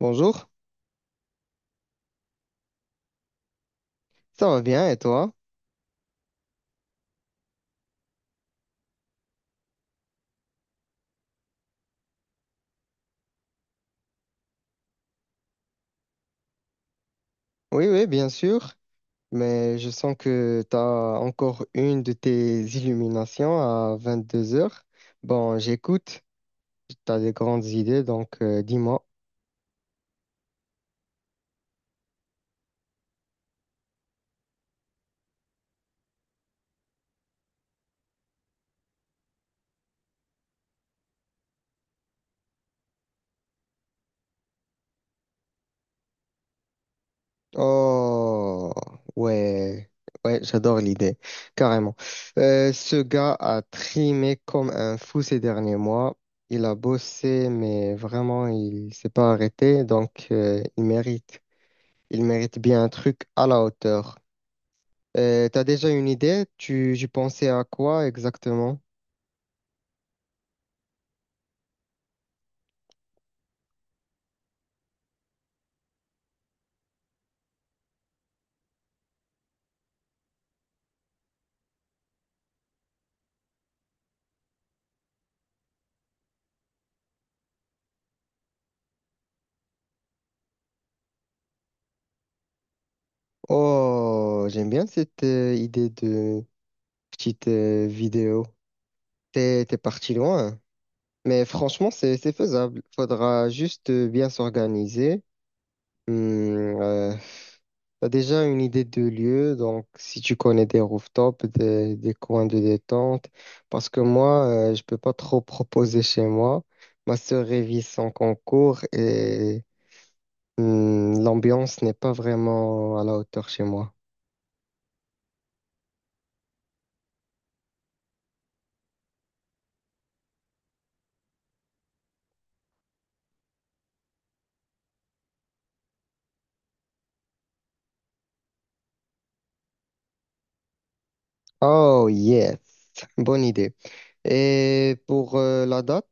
Bonjour, ça va bien et toi? Oui, oui, bien sûr, mais je sens que tu as encore une de tes illuminations à 22 heures. Bon, j'écoute, tu as des grandes idées, dis-moi. Oh, ouais, ouais, j'adore l'idée, carrément. Ce gars a trimé comme un fou ces derniers mois. Il a bossé, mais vraiment, il s'est pas arrêté, il mérite. Il mérite bien un truc à la hauteur. T'as déjà une idée? Tu pensais à quoi exactement? Oh, j'aime bien cette idée de petite vidéo. T'es parti loin. Mais franchement, c'est faisable. Faudra juste bien s'organiser. Hmm, euh, t'as déjà une idée de lieu, donc si tu connais des rooftops, des coins de détente, parce que moi, je peux pas trop proposer chez moi. Ma sœur révise son concours et l'ambiance n'est pas vraiment à la hauteur chez moi. Oh yes, bonne idée. Et pour la date,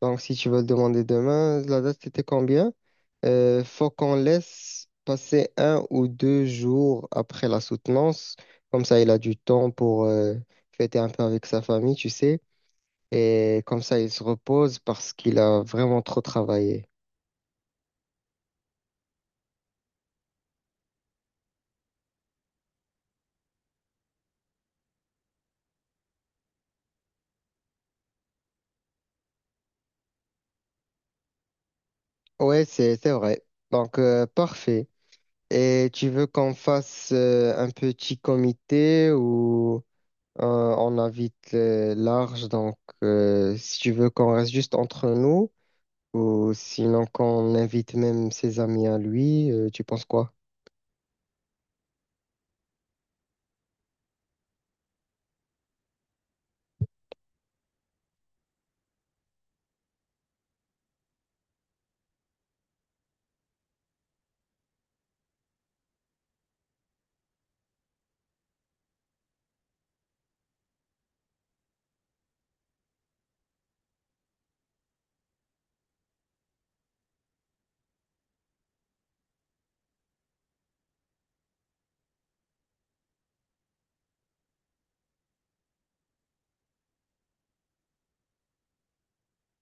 donc si tu veux le demander demain, la date c'était combien? Faut qu'on laisse passer un ou deux jours après la soutenance. Comme ça, il a du temps pour fêter un peu avec sa famille, tu sais. Et comme ça, il se repose parce qu'il a vraiment trop travaillé. Ouais, c'est vrai. Parfait. Et tu veux qu'on fasse un petit comité où euh, on invite large, si tu veux qu'on reste juste entre nous, ou sinon qu'on invite même ses amis à lui, tu penses quoi?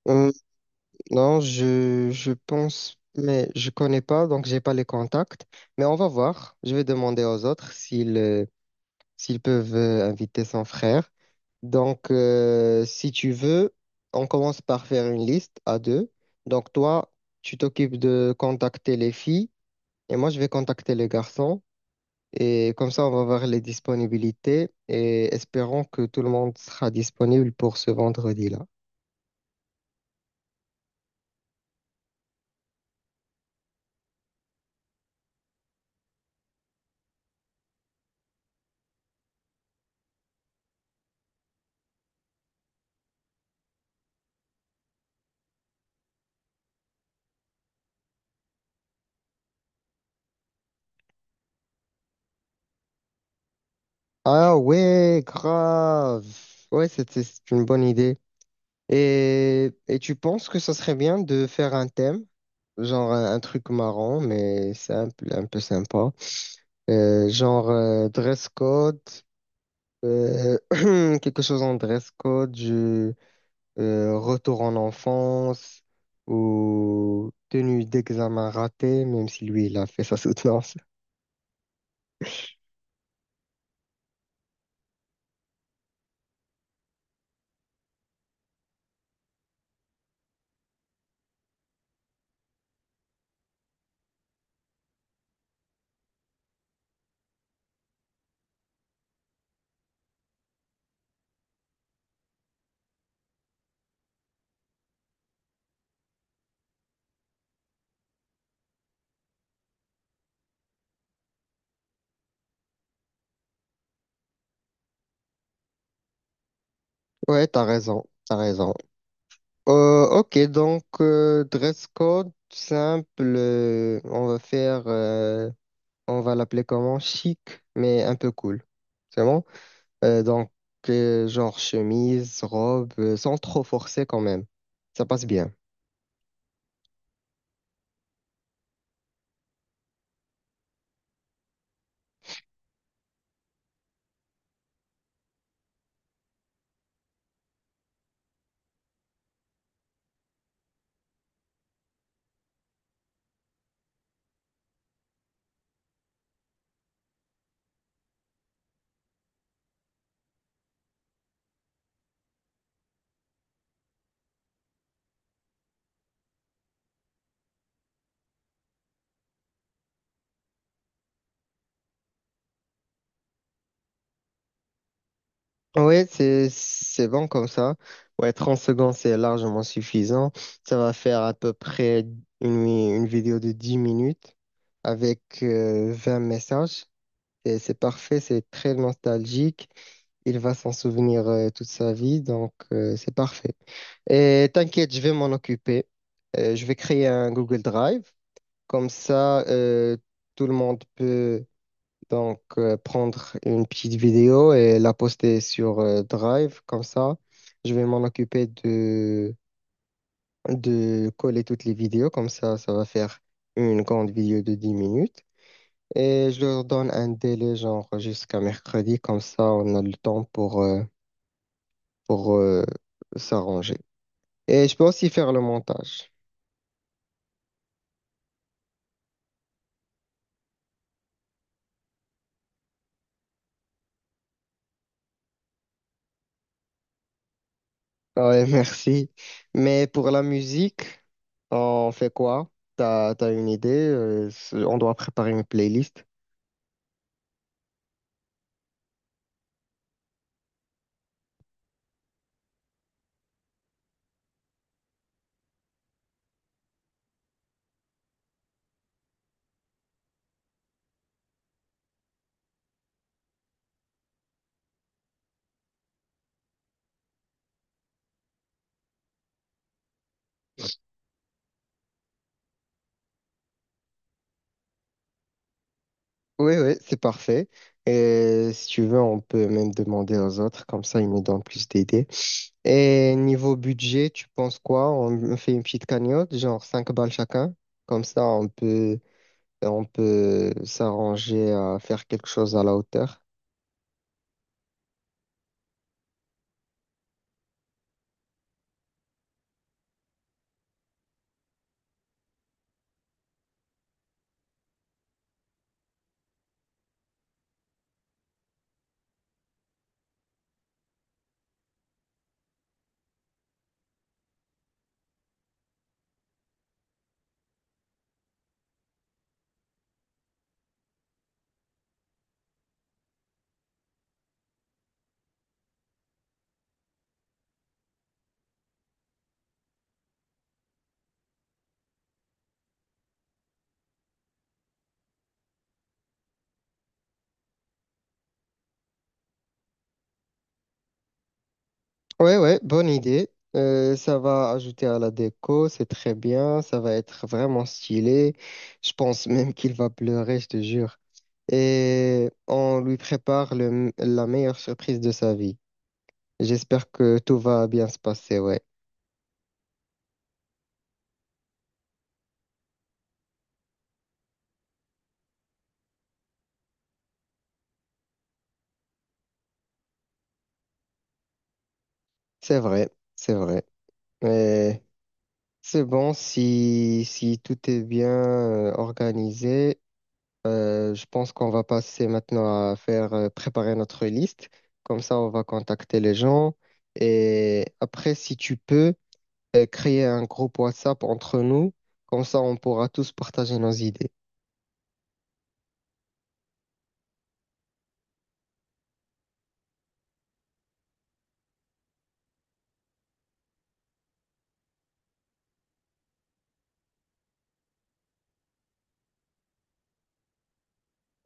Euh, non, je pense, mais je connais pas, donc j'ai pas les contacts. Mais on va voir. Je vais demander aux autres s'ils peuvent inviter son frère. Si tu veux, on commence par faire une liste à deux. Donc, toi, tu t'occupes de contacter les filles et moi, je vais contacter les garçons. Et comme ça, on va voir les disponibilités et espérons que tout le monde sera disponible pour ce vendredi-là. Ah ouais, grave. Ouais, c'est une bonne idée. Et tu penses que ça serait bien de faire un thème, genre un truc marrant, mais simple, un peu sympa. Dress code, euh, quelque chose en dress code, du retour en enfance ou tenue d'examen ratée, même si lui, il a fait sa soutenance. Ouais, t'as raison, t'as raison. Ok, dress code simple, on va faire... on va l'appeler comment? Chic, mais un peu cool. C'est bon? Euh, donc, genre chemise, robe, sans trop forcer quand même. Ça passe bien. Oui, c'est bon comme ça. Ouais, 30 secondes, c'est largement suffisant. Ça va faire à peu près une vidéo de 10 minutes avec 20 messages. Et c'est parfait, c'est très nostalgique. Il va s'en souvenir toute sa vie, c'est parfait. Et t'inquiète, je vais m'en occuper. Je vais créer un Google Drive. Comme ça, tout le monde peut prendre une petite vidéo et la poster sur Drive. Comme ça, je vais m'en occuper de coller toutes les vidéos. Comme ça va faire une grande vidéo de 10 minutes. Et je leur donne un délai, genre jusqu'à mercredi. Comme ça, on a le temps pour... pour euh, s'arranger. Et je peux aussi faire le montage. Ah Ouais, merci. Mais pour la musique, on fait quoi? T'as une idée? On doit préparer une playlist. Oui, oui, c'est parfait. Et si tu veux, on peut même demander aux autres, comme ça ils nous donnent plus d'idées. Et niveau budget, tu penses quoi? On fait une petite cagnotte, genre 5 balles chacun. Comme ça, on peut s'arranger à faire quelque chose à la hauteur. Ouais, ouais, bonne idée. Ça va ajouter à la déco, c'est très bien, ça va être vraiment stylé. Je pense même qu'il va pleurer, je te jure. Et on lui prépare la meilleure surprise de sa vie. J'espère que tout va bien se passer, ouais. C'est vrai, c'est vrai. Mais c'est bon si, si tout est bien organisé. Je pense qu'on va passer maintenant à faire préparer notre liste. Comme ça, on va contacter les gens. Et après, si tu peux, créer un groupe WhatsApp entre nous. Comme ça, on pourra tous partager nos idées.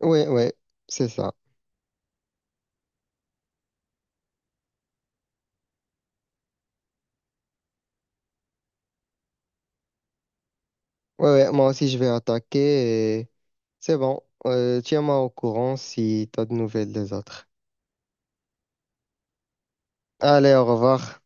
Oui, oui, c'est ça. Oui, ouais, ouais, moi aussi, je vais attaquer. Et c'est bon. Tiens-moi au courant si tu as de nouvelles des autres. Allez, au revoir.